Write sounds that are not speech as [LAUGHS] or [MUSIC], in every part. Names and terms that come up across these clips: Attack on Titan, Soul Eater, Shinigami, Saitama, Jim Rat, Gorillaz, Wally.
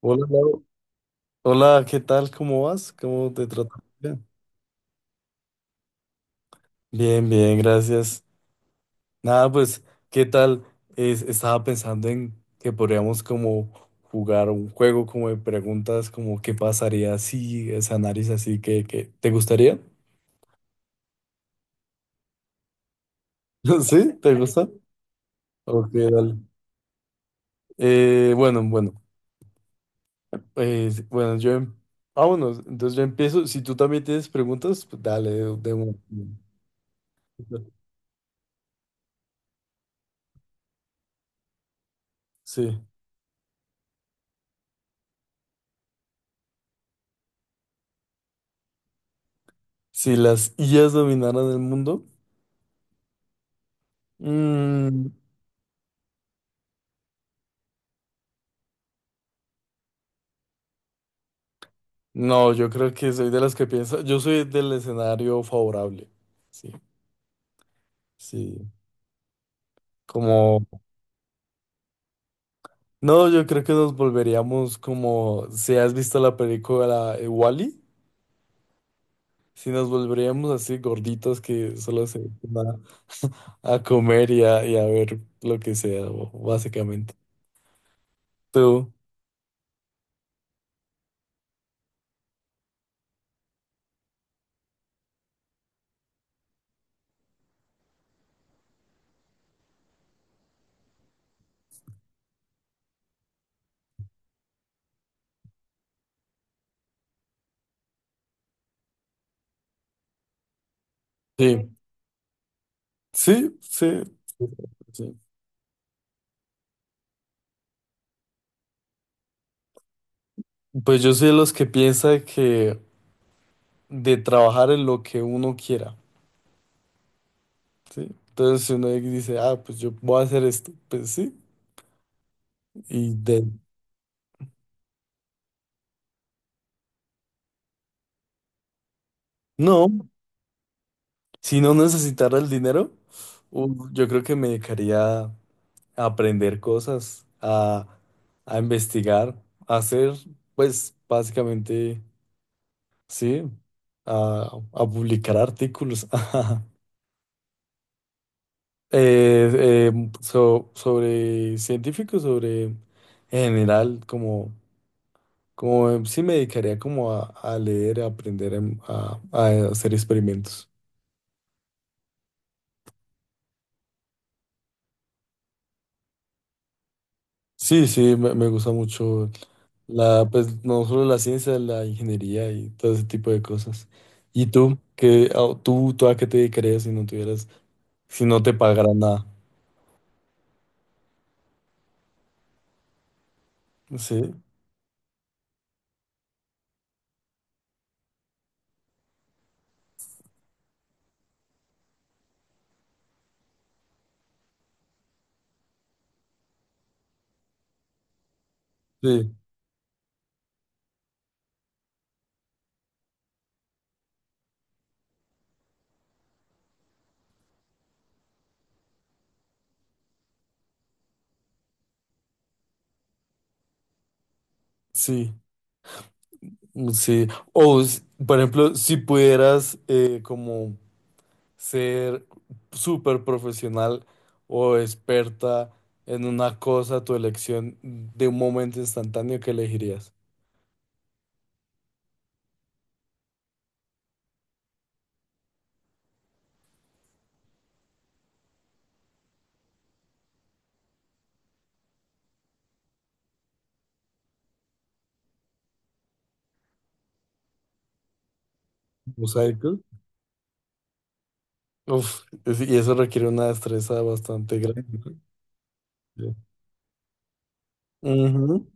Hola, Lau. Hola, ¿qué tal? ¿Cómo vas? ¿Cómo te trata el día? Bien, bien, gracias. Nada, pues, ¿qué tal? Estaba pensando en que podríamos como jugar un juego como de preguntas, como qué pasaría si esa nariz así ¿te gustaría? [LAUGHS] ¿Sí? ¿Te gusta? Ok, dale. Eh, bueno, bueno, bueno, yo, ah, bueno, entonces yo empiezo. Si tú también tienes preguntas, pues dale, de una. Sí. Si las IAs dominaran el mundo. Mm, no, yo creo que soy de los que piensa, yo soy del escenario favorable, sí, sí, como, no, yo creo que nos volveríamos como, si has visto la película Wally, si nos volveríamos así gorditos que solo se van a, [LAUGHS] a comer y a ver lo que sea, básicamente. Tú, sí, sí, sí, sí. Pues yo soy de los que piensa que de trabajar en lo que uno quiera. Sí. Entonces, si uno dice, ah, pues yo voy a hacer esto, pues sí, y de... No, si no necesitara el dinero, yo creo que me dedicaría a aprender cosas, a investigar, a hacer, pues básicamente, sí, a publicar artículos [LAUGHS] ajá, sobre científicos, sobre en general, como. Como sí me dedicaría como a leer, a aprender, a hacer experimentos. Sí, sí, me gusta mucho la, pues no solo la ciencia, la ingeniería y todo ese tipo de cosas. ¿Y tú? ¿Tú a qué te dedicarías si no tuvieras, si no te pagaran nada? Sí, sí, sí, mm, sí. Por ejemplo, si pudieras como ser súper profesional o experta en una cosa, tu elección de un momento instantáneo que elegirías. Mosaico. Uf, y eso requiere una destreza bastante grande. ¿No? Ujú.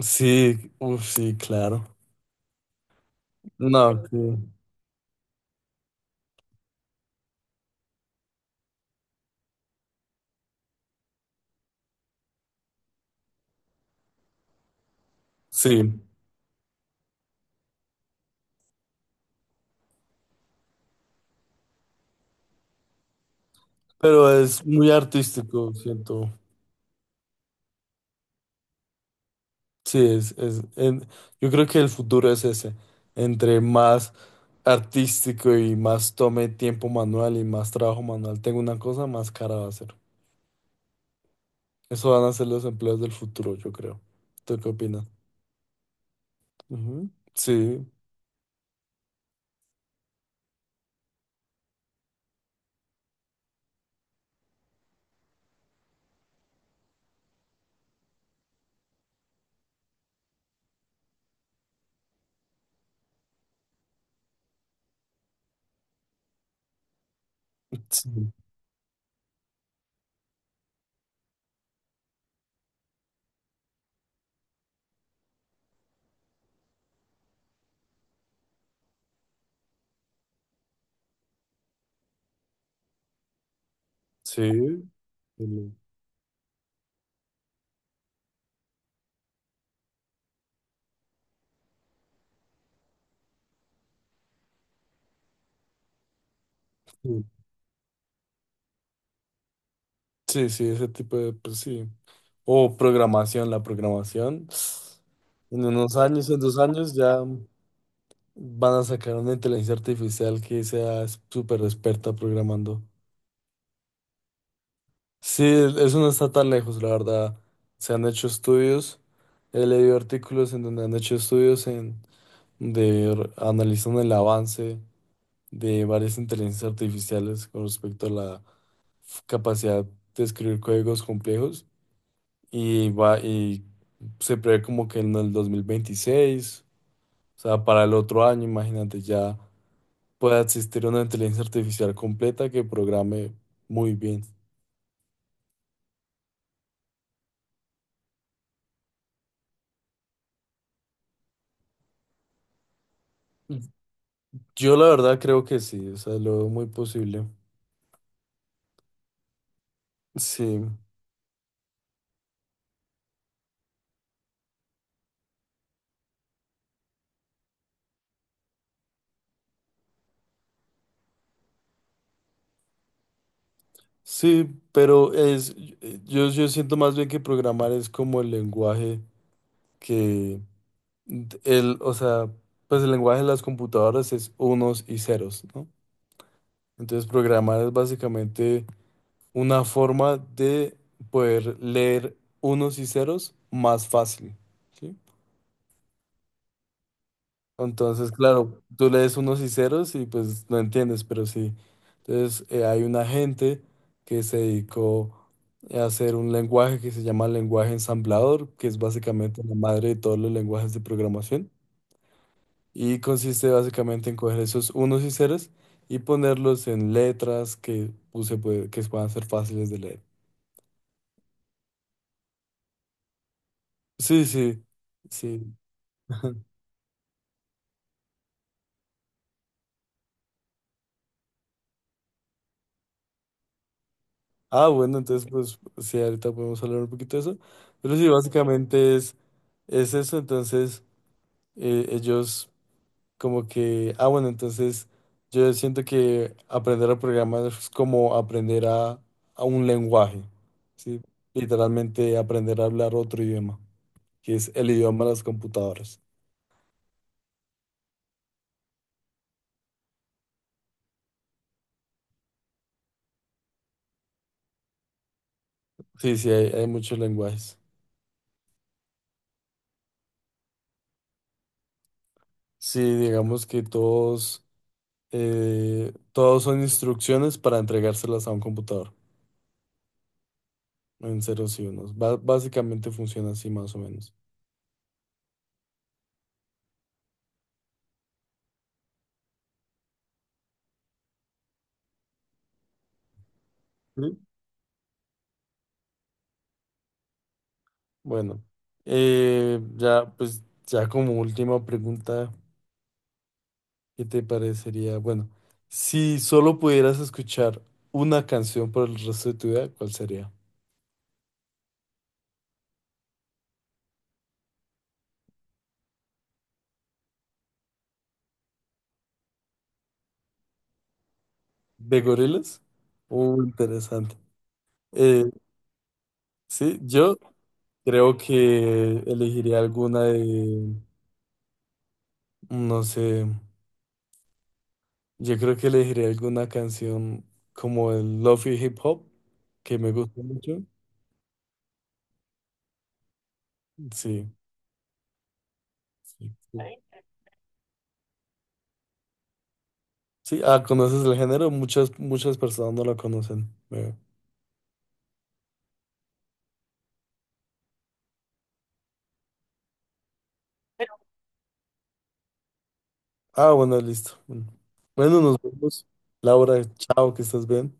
Sí, uf, sí, claro. No, sí, sí, pero es muy artístico, siento. Sí, yo creo que el futuro es ese, entre más artístico y más tome tiempo manual y más trabajo manual tengo una cosa, más cara va a ser. Eso van a ser los empleos del futuro, yo creo. ¿Tú qué opinas? Ujú. Sí, sí, sí, sí, sí, sí, ese tipo de, pues sí. O programación, la programación. En unos años, en dos años ya van a sacar una inteligencia artificial que sea súper experta programando. Sí, eso no está tan lejos, la verdad. Se han hecho estudios, he leído artículos en donde han hecho estudios en analizan el avance de varias inteligencias artificiales con respecto a la capacidad de escribir códigos complejos y va y se prevé como que en el 2026, o sea, para el otro año, imagínate, ya pueda existir una inteligencia artificial completa que programe muy bien. Yo la verdad creo que sí, o sea, lo veo muy posible. Sí, sí, pero es, yo siento más bien que programar es como el lenguaje que, el, o sea, pues el lenguaje de las computadoras es unos y ceros, ¿no? Entonces programar es básicamente una forma de poder leer unos y ceros más fácil, ¿sí? Entonces, claro, tú lees unos y ceros y pues no entiendes, pero sí. Entonces, hay una gente que se dedicó a hacer un lenguaje que se llama lenguaje ensamblador, que es básicamente la madre de todos los lenguajes de programación. Y consiste básicamente en coger esos unos y ceros y ponerlos en letras que, pues, que puedan ser fáciles de leer. Sí, sí, sí. Ah, bueno, entonces pues sí, ahorita podemos hablar un poquito de eso. Pero sí, básicamente es eso, entonces ellos como que, ah, bueno, entonces yo siento que aprender a programar es como aprender a un lenguaje, ¿sí? Literalmente aprender a hablar otro idioma, que es el idioma de las computadoras. Sí, sí, hay muchos lenguajes. Sí, digamos que todos, todos son instrucciones para entregárselas a un computador. En ceros y unos. Básicamente funciona así más o menos. ¿Sí? Bueno, ya pues ya como última pregunta, ¿qué te parecería? Bueno, si solo pudieras escuchar una canción por el resto de tu vida, ¿cuál sería? ¿De Gorillaz? Interesante. Eh, sí, yo creo que elegiría alguna de, no sé, yo creo que elegiría alguna canción como el Lofi Hip Hop, que me gusta mucho. Sí. Sí, sí, ah, conoces el género, muchas personas no lo conocen. Veo. Ah, bueno, listo. Bueno, Bueno, nos vemos. Laura, chao, que estés bien.